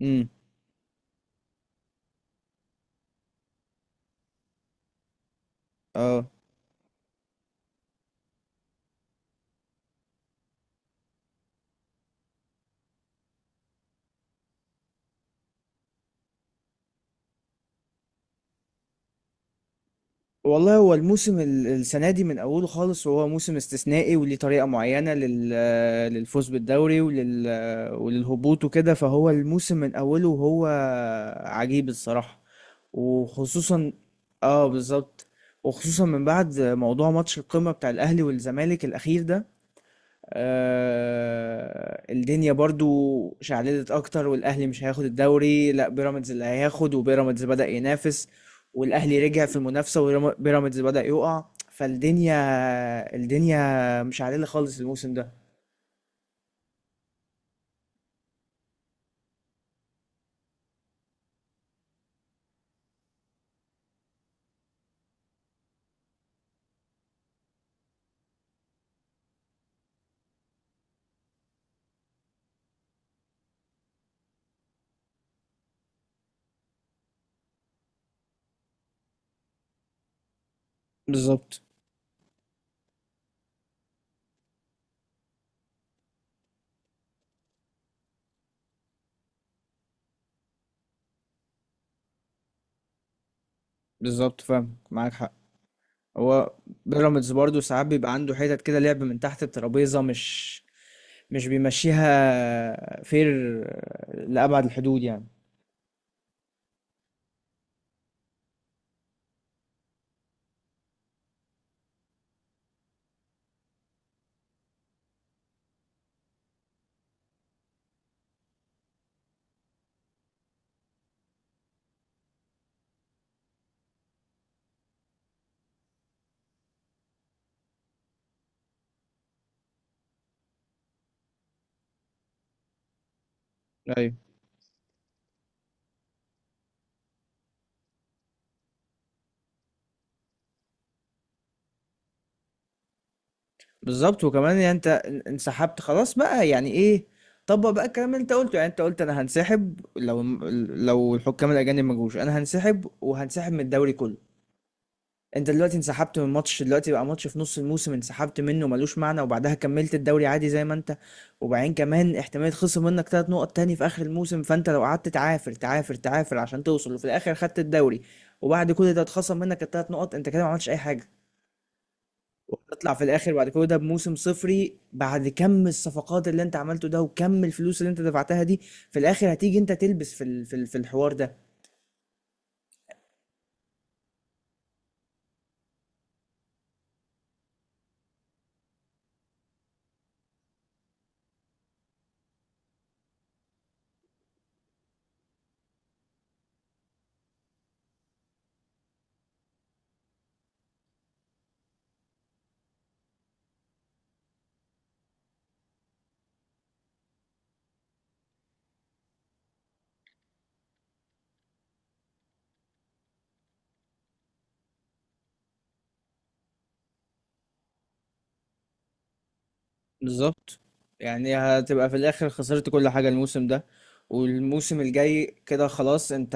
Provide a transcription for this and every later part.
امم اه والله هو الموسم السنه دي من اوله خالص، وهو موسم استثنائي وليه طريقه معينه للفوز بالدوري وللهبوط وكده. فهو الموسم من اوله وهو عجيب الصراحه، وخصوصا اه بالظبط. وخصوصا من بعد موضوع ماتش القمه بتاع الاهلي والزمالك الاخير ده، الدنيا برضو شعللت اكتر، والاهلي مش هياخد الدوري، لا بيراميدز اللي هياخد، وبيراميدز بدأ ينافس، والاهلي رجع في المنافسة وبيراميدز بدأ يقع. فالدنيا الدنيا مش عادلة خالص الموسم ده. بالظبط. بالظبط، فاهم معاك حق. هو بيراميدز برضو ساعات بيبقى عنده حتت كده لعب من تحت الترابيزة، مش بيمشيها فير لأبعد الحدود يعني. بالظبط. وكمان يعني انت انسحبت خلاص بقى، يعني ايه؟ طبق بقى الكلام اللي انت قلته، يعني انت قلت انا هنسحب لو الحكام الاجانب ما جوش انا هنسحب، وهنسحب من الدوري كله. انت دلوقتي انسحبت من ماتش، دلوقتي بقى ماتش في نص الموسم انسحبت منه ملوش معنى، وبعدها كملت الدوري عادي زي ما انت. وبعدين كمان احتمال خصم منك ثلاث نقط تاني في اخر الموسم، فانت لو قعدت تعافر تعافر تعافر عشان توصل، وفي الاخر خدت الدوري وبعد كل ده اتخصم منك الثلاث نقط، انت كده ما عملتش اي حاجه. وهتطلع في الاخر بعد كل ده بموسم صفري، بعد كم الصفقات اللي انت عملته ده وكم الفلوس اللي انت دفعتها دي. في الاخر هتيجي انت تلبس في في الحوار ده. بالظبط. يعني هتبقى في الاخر خسرت كل حاجة الموسم ده، والموسم الجاي كده خلاص انت.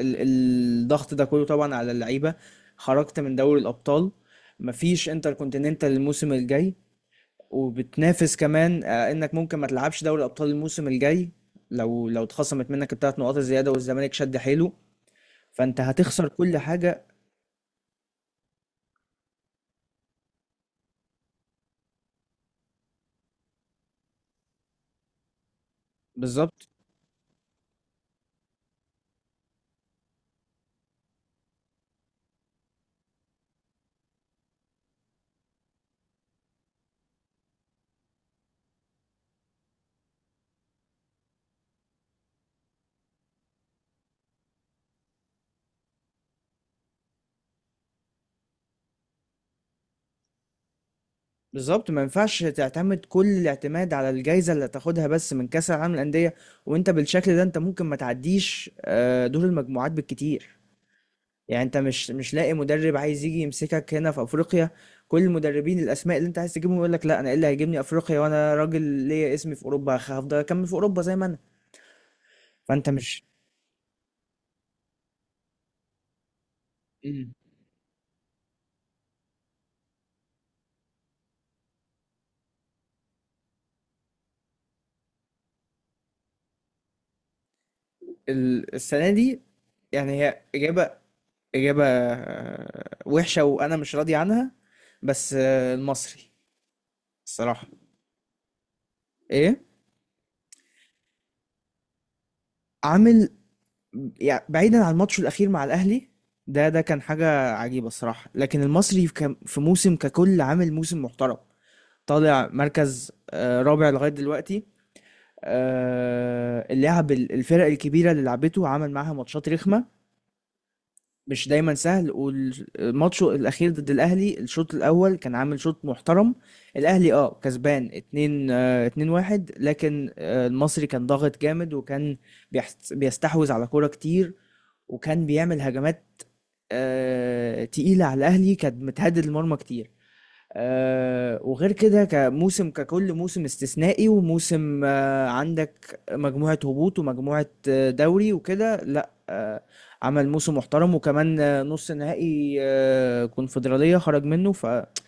الضغط ده كله طبعا على اللعيبة. خرجت من دوري الابطال، مفيش انتر كونتيننتال الموسم الجاي، وبتنافس كمان انك ممكن ما تلعبش دوري ابطال الموسم الجاي. لو اتخصمت منك الثلاث نقاط الزياده والزمالك شد حيله، فانت هتخسر كل حاجه. بالظبط. بالظبط، ما ينفعش تعتمد كل الاعتماد على الجائزه اللي هتاخدها بس من كاس العالم للانديه، وانت بالشكل ده انت ممكن ما تعديش دور المجموعات بالكتير. يعني انت مش لاقي مدرب عايز يجي يمسكك هنا في افريقيا، كل المدربين الاسماء اللي انت عايز تجيبهم يقول لك لا، انا ايه اللي هيجيبني افريقيا وانا راجل ليا اسمي في اوروبا، هفضل اكمل في اوروبا زي ما انا. فانت مش. مم. السنة دي، يعني هي إجابة. إجابة وحشة وأنا مش راضي عنها، بس المصري. الصراحة. إيه. عامل، يعني بعيدا عن الماتش الأخير مع الأهلي، ده ده كان حاجة عجيبة الصراحة، لكن المصري في في موسم ككل عامل موسم محترم. طالع مركز رابع لغاية دلوقتي. اللعب، الفرق الكبيرة اللي لعبته عمل معاها ماتشات رخمة، مش دايما سهل. والماتش الاخير ضد الاهلي، الشوط الاول كان عامل شوط محترم، الاهلي اه كسبان 2 2-1، لكن المصري كان ضاغط جامد، وكان بيستحوذ على كوره كتير، وكان بيعمل هجمات تقيله على الاهلي، كانت متهدد المرمى كتير. وغير كده كموسم ككل، موسم استثنائي، وموسم عندك مجموعة هبوط ومجموعة دوري وكده، لا عمل موسم محترم. وكمان نص نهائي كونفدرالية خرج منه، فلا،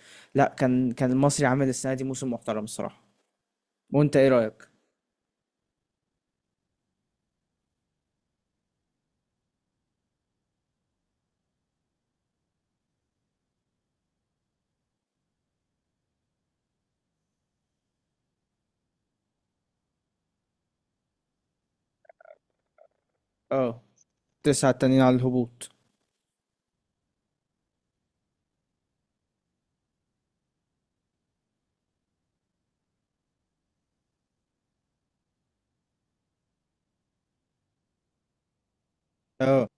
كان كان المصري عامل السنة دي موسم محترم الصراحة. وانت ايه رأيك؟ اه. تسعة التانيين على الهبوط. اه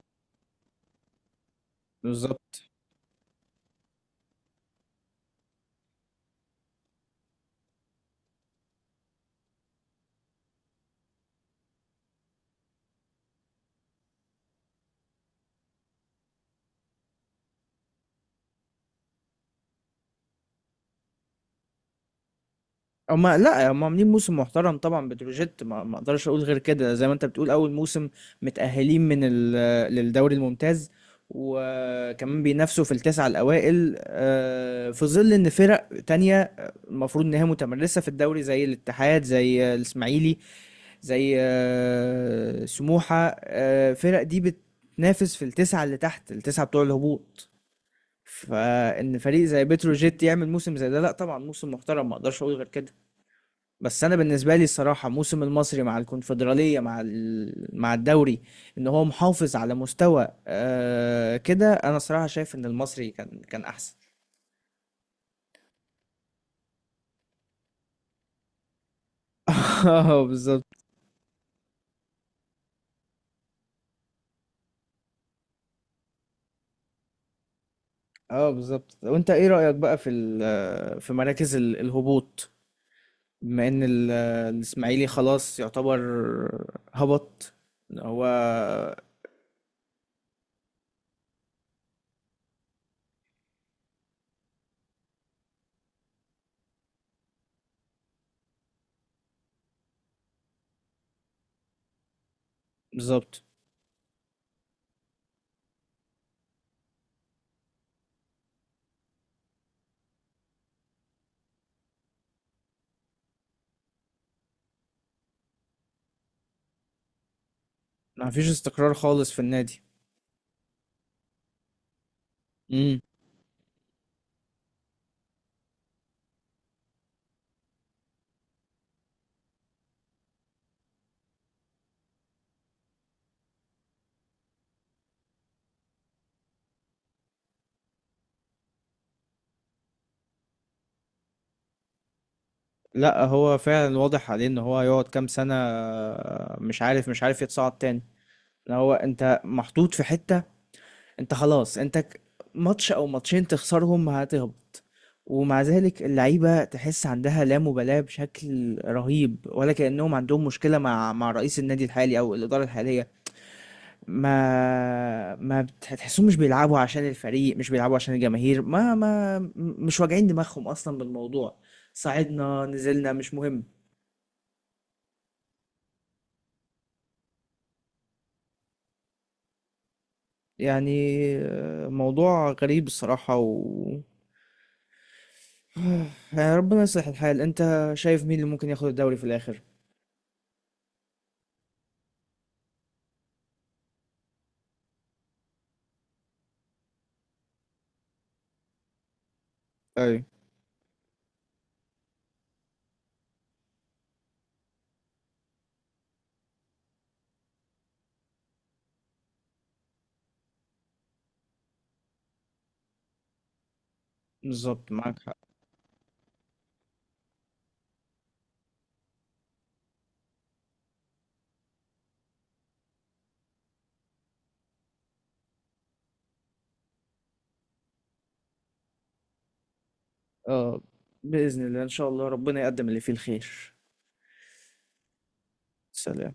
بالظبط. هما لا، هما عاملين موسم محترم طبعا بتروجيت، ما اقدرش اقول غير كده. زي ما انت بتقول، اول موسم متأهلين من للدوري الممتاز، وكمان بينافسوا في التسعة الأوائل في ظل إن فرق تانية المفروض إن هي متمرسة في الدوري زي الاتحاد، زي الإسماعيلي، زي سموحة، فرق دي بتنافس في التسعة اللي تحت، التسعة بتوع الهبوط. فإن فريق زي بتروجيت يعمل موسم زي ده، لا طبعا موسم محترم، ما أقدرش أقول غير كده. بس انا بالنسبه لي الصراحه موسم المصري مع الكونفدراليه مع مع الدوري، ان هو محافظ على مستوى كده، انا صراحه شايف ان المصري كان كان احسن. اه بالظبط. اه بالظبط. وانت ايه رايك بقى في في مراكز الهبوط، بما ان الاسماعيلي خلاص يعتبر هبط. إن هو. بالظبط. ما فيش استقرار خالص في النادي. لا هو فعلا واضح عليه ان هو يقعد كام سنة، مش عارف يتصعد تاني. إن هو انت محطوط في حتة، انت خلاص انت ماتش او ماتشين تخسرهم هتهبط، ومع ذلك اللعيبة تحس عندها لا مبالاة بشكل رهيب، ولا كأنهم عندهم مشكلة مع رئيس النادي الحالي او الإدارة الحالية. ما ما بت- تحسهم مش بيلعبوا عشان الفريق، مش بيلعبوا عشان الجماهير، ما ما مش واجعين دماغهم اصلا بالموضوع، صعدنا نزلنا مش مهم. يعني موضوع غريب الصراحة. يعني ربنا يصلح الحال. انت شايف مين اللي ممكن ياخد الدوري في الآخر؟ ايوه. بالظبط معاك حق. اه. بإذن الله ان شاء الله، ربنا يقدم اللي فيه الخير. سلام.